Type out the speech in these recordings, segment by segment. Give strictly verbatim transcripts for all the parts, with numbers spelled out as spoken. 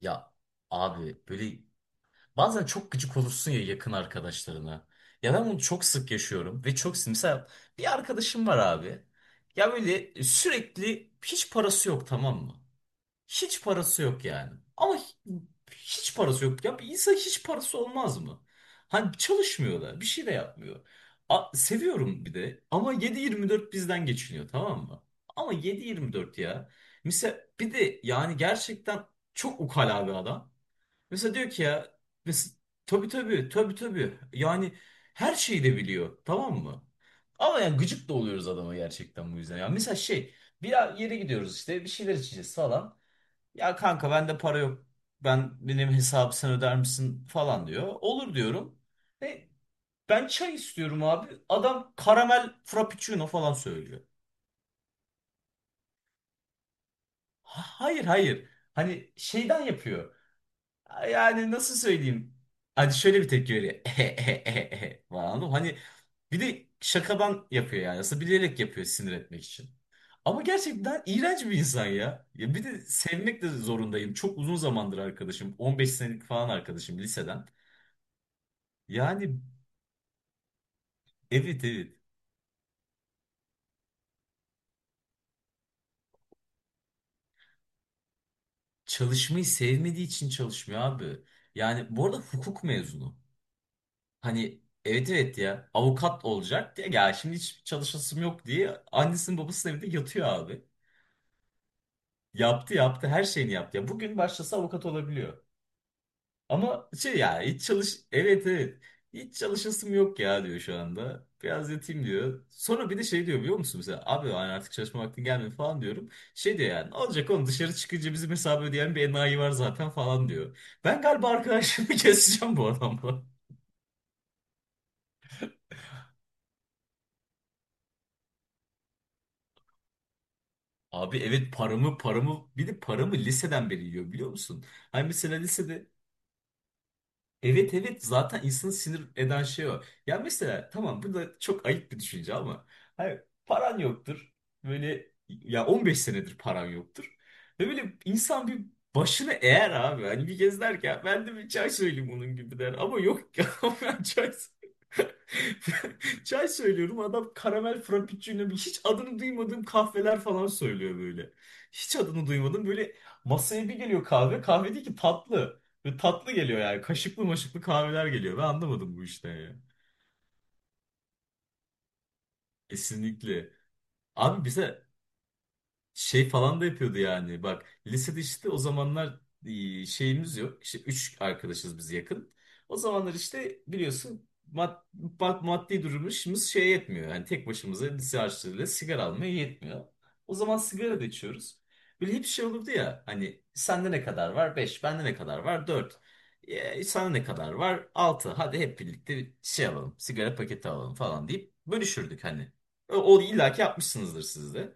Ya abi böyle bazen çok gıcık olursun ya yakın arkadaşlarına. Ya ben bunu çok sık yaşıyorum ve çok sık. Mesela bir arkadaşım var abi. Ya böyle sürekli hiç parası yok, tamam mı? Hiç parası yok yani. Ama hi- hiç parası yok. Ya bir insan hiç parası olmaz mı? Hani çalışmıyor da bir şey de yapmıyor. A- seviyorum bir de, ama yedi yirmi dört bizden geçiniyor, tamam mı? Ama yedi yirmi dört ya. Mesela bir de yani gerçekten çok ukala bir adam. Mesela diyor ki ya, mes- tabii tabii tabii tabii, yani her şeyi de biliyor, tamam mı? Ama yani gıcık da oluyoruz adama gerçekten bu yüzden. Yani mesela şey, bir yere gidiyoruz işte, bir şeyler içeceğiz falan. "Ya kanka, bende para yok, ben benim hesabı sen öder misin" falan diyor. Olur diyorum. E, Ben çay istiyorum abi. Adam karamel frappuccino falan söylüyor. Ha- Hayır hayır. Hani şeyden yapıyor. Yani nasıl söyleyeyim? Hadi şöyle bir tepki veriyor. Falan, anladın mı? Hani bir de şakadan yapıyor yani. Aslında bilerek yapıyor, sinir etmek için. Ama gerçekten iğrenç bir insan ya. Ya bir de sevmek de zorundayım. Çok uzun zamandır arkadaşım. on beş senelik falan arkadaşım, liseden. Yani evet evet. Çalışmayı sevmediği için çalışmıyor abi. Yani bu arada hukuk mezunu. Hani evet evet, ya avukat olacak diye, ya şimdi hiç çalışasım yok diye annesinin babasının evinde yatıyor abi. Yaptı yaptı, her şeyini yaptı. Ya bugün başlasa avukat olabiliyor. Ama şey, ya hiç çalış evet evet, hiç çalışasım yok ya diyor şu anda. Biraz yatayım diyor. Sonra bir de şey diyor, biliyor musun, mesela abi, hani artık çalışma vaktin gelmedi falan diyorum. Şey diyor yani, olacak oğlum, dışarı çıkınca bizim hesabı ödeyen bir enayi var zaten falan diyor. Ben galiba arkadaşımı keseceğim bu adamla. Abi evet, paramı paramı bir de paramı liseden beri yiyor, biliyor musun? Hani mesela lisede. Evet evet, zaten insanı sinir eden şey o. Ya mesela tamam, bu da çok ayıp bir düşünce ama hayır, paran yoktur. Böyle ya on beş senedir paran yoktur. Ve böyle insan bir başını eğer abi, hani bir kez der ki "Ya ben de bir çay söyleyeyim" bunun gibi der. Ama yok ya, ben çay çay söylüyorum, adam karamel frappuccino, bir hiç adını duymadığım kahveler falan söylüyor böyle. Hiç adını duymadım böyle, masaya bir geliyor, kahve kahve değil ki tatlı. Ve tatlı geliyor yani. Kaşıklı maşıklı kahveler geliyor. Ben anlamadım bu işten ya. Kesinlikle. Abi bize. Şey falan da yapıyordu yani. Bak lisede işte o zamanlar, e, şeyimiz yok. İşte üç arkadaşız biz, yakın. O zamanlar işte biliyorsun, mad bak maddi durumumuz şey, yetmiyor. Yani tek başımıza lise harçlığıyla sigara almaya yetmiyor. O zaman sigara da içiyoruz. Böyle hep şey olurdu ya, hani "sende ne kadar var?" "Beş." "Bende ne kadar var?" "Dört." E, "sana ne kadar var?" "Altı." "Hadi hep birlikte bir şey alalım, sigara paketi alalım" falan deyip bölüşürdük hani. O, o illaki yapmışsınızdır siz de.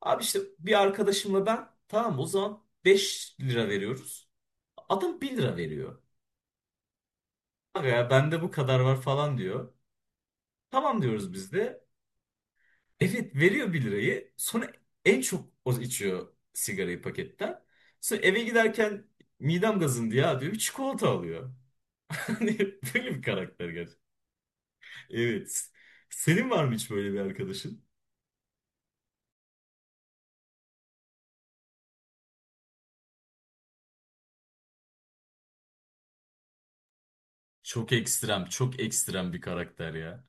Abi işte bir arkadaşımla ben tamam, o zaman beş lira veriyoruz. Adam bir lira veriyor. "Aga ya, bende bu kadar var" falan diyor. Tamam diyoruz biz de. Evet, veriyor bir lirayı. Sonra en çok o içiyor sigarayı paketten. Sonra eve giderken, "midem gazındı ya" diyor. Bir çikolata alıyor. Hani böyle bir karakter gerçekten. Evet. Senin var mı hiç böyle bir arkadaşın? Çok ekstrem, çok ekstrem bir karakter ya.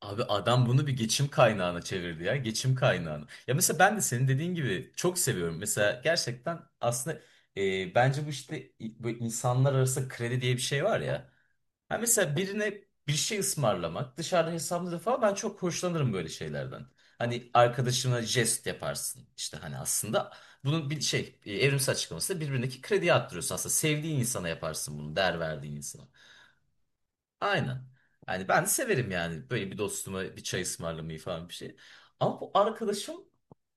Abi adam bunu bir geçim kaynağına çevirdi ya. Geçim kaynağına. Ya mesela ben de senin dediğin gibi çok seviyorum. Mesela gerçekten, aslında, e, bence bu işte, i- bu insanlar arası kredi diye bir şey var ya. Ha mesela birine bir şey ısmarlamak, dışarıda hesaplı falan, ben çok hoşlanırım böyle şeylerden. Hani arkadaşına jest yaparsın. İşte hani aslında bunun bir şey e, evrimsel açıklaması da, birbirindeki krediyi arttırıyorsun aslında. Sevdiğin insana yaparsın bunu, değer verdiğin insana. Aynen. Yani ben de severim yani, böyle bir dostuma bir çay ısmarlamayı falan, bir şey. Ama bu arkadaşım,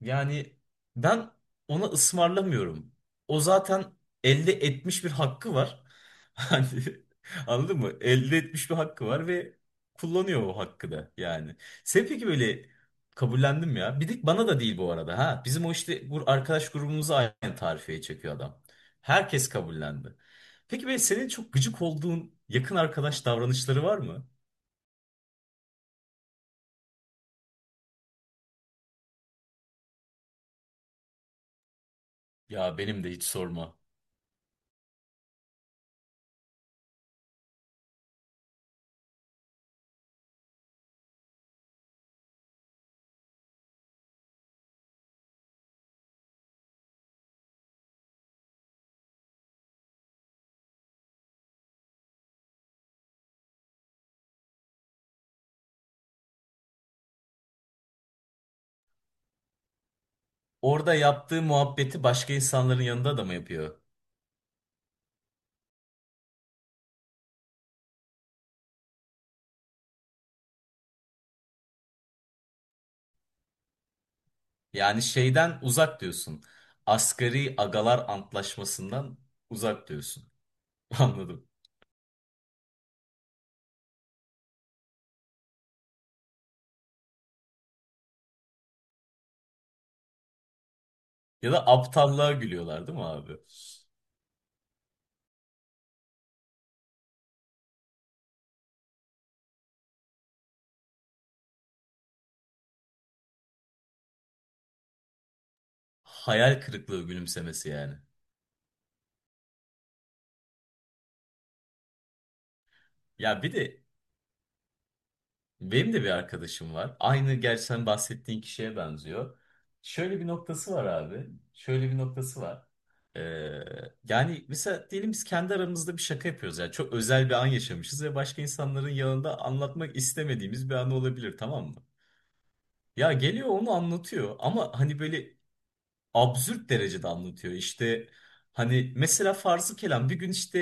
yani, ben ona ısmarlamıyorum. O zaten elde etmiş bir hakkı var. Hani anladın mı? Elde etmiş bir hakkı var ve kullanıyor o hakkı da yani. Sen peki böyle, kabullendim ya. Bir de bana da değil bu arada ha. Bizim o işte bu arkadaş grubumuza aynı tarifeyi çekiyor adam. Herkes kabullendi. Peki böyle senin çok gıcık olduğun yakın arkadaş davranışları var mı? Ya benim de hiç sorma. Orada yaptığı muhabbeti başka insanların yanında da mı yapıyor? Yani şeyden uzak diyorsun. Asgari agalar antlaşmasından uzak diyorsun. Anladım. Ya da aptallığa gülüyorlar değil mi abi? Hayal kırıklığı gülümsemesi yani. Ya bir de, benim de bir arkadaşım var. Aynı, gerçi sen bahsettiğin kişiye benziyor. Şöyle bir noktası var abi. Şöyle bir noktası var. Ee, Yani mesela diyelim biz kendi aramızda bir şaka yapıyoruz. Yani çok özel bir an yaşamışız ve başka insanların yanında anlatmak istemediğimiz bir an olabilir, tamam mı? Ya geliyor onu anlatıyor, ama hani böyle absürt derecede anlatıyor. İşte hani mesela farzı kelam bir gün işte,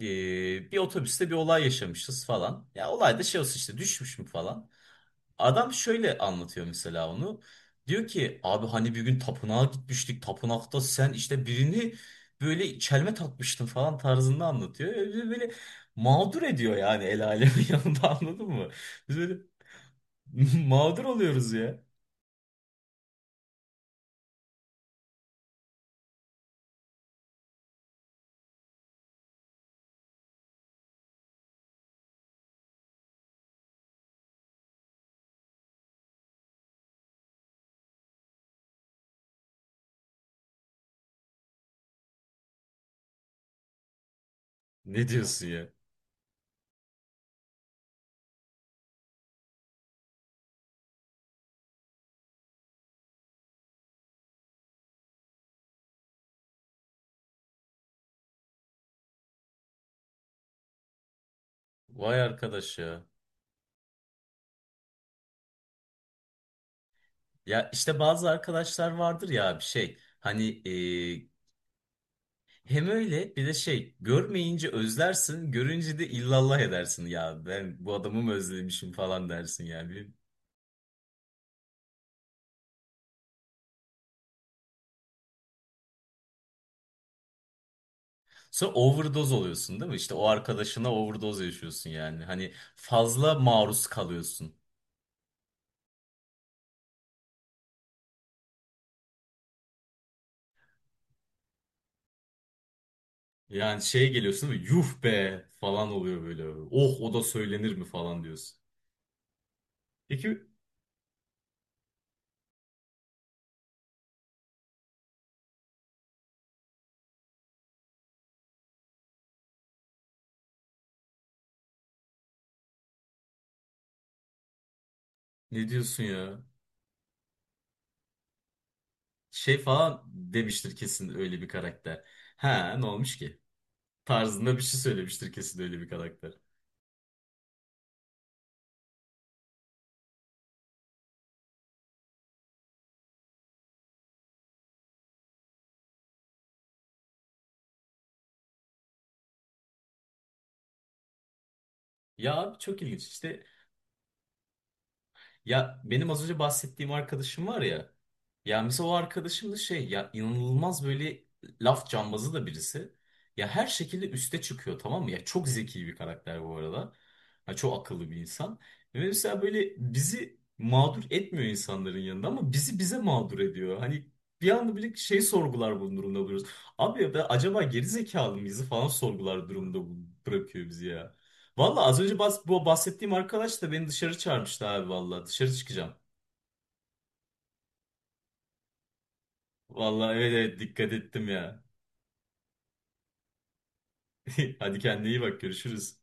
ee, bir otobüste bir olay yaşamışız falan. Ya olay da şey olsun işte, düşmüş mü falan. Adam şöyle anlatıyor mesela onu. Diyor ki "abi, hani bir gün tapınağa gitmiştik. Tapınakta sen işte birini böyle çelme takmıştın" falan tarzında anlatıyor. Öyle böyle mağdur ediyor yani, el alemin yanında, anladın mı? Biz böyle mağdur oluyoruz ya. Ne diyorsun ya? Vay arkadaş ya. Ya işte bazı arkadaşlar vardır ya, bir şey. Hani hem öyle bir de şey, görmeyince özlersin, görünce de illallah edersin, ya ben bu adamı mı özlemişim falan dersin yani. Bir- Sonra overdose oluyorsun değil mi? İşte o arkadaşına overdose yaşıyorsun yani. Hani fazla maruz kalıyorsun. Yani şey geliyorsun değil mi? Yuh be falan oluyor böyle. Oh, o da söylenir mi falan diyorsun. Peki ne diyorsun ya? Şey falan demiştir kesin, öyle bir karakter. Ha, ne olmuş ki? Tarzında bir şey söylemiştir kesin, öyle bir karakter. Ya abi çok ilginç işte. Ya benim az önce bahsettiğim arkadaşım var ya. Ya mesela o arkadaşım da şey ya, inanılmaz böyle laf cambazı da birisi. Ya her şekilde üste çıkıyor, tamam mı? Ya çok zeki bir karakter bu arada. Ya çok akıllı bir insan. Ve mesela böyle bizi mağdur etmiyor insanların yanında, ama bizi bize mağdur ediyor. Hani bir anda bile şey sorgular bunun durumda buluyoruz. Abi ya da acaba geri zekalı mıyız falan sorgular durumda bu- bırakıyor bizi ya. Valla az önce bas, bu bahsettiğim arkadaş da beni dışarı çağırmıştı abi valla. Dışarı çıkacağım. Valla evet evet, dikkat ettim ya. Hadi kendine iyi bak, görüşürüz.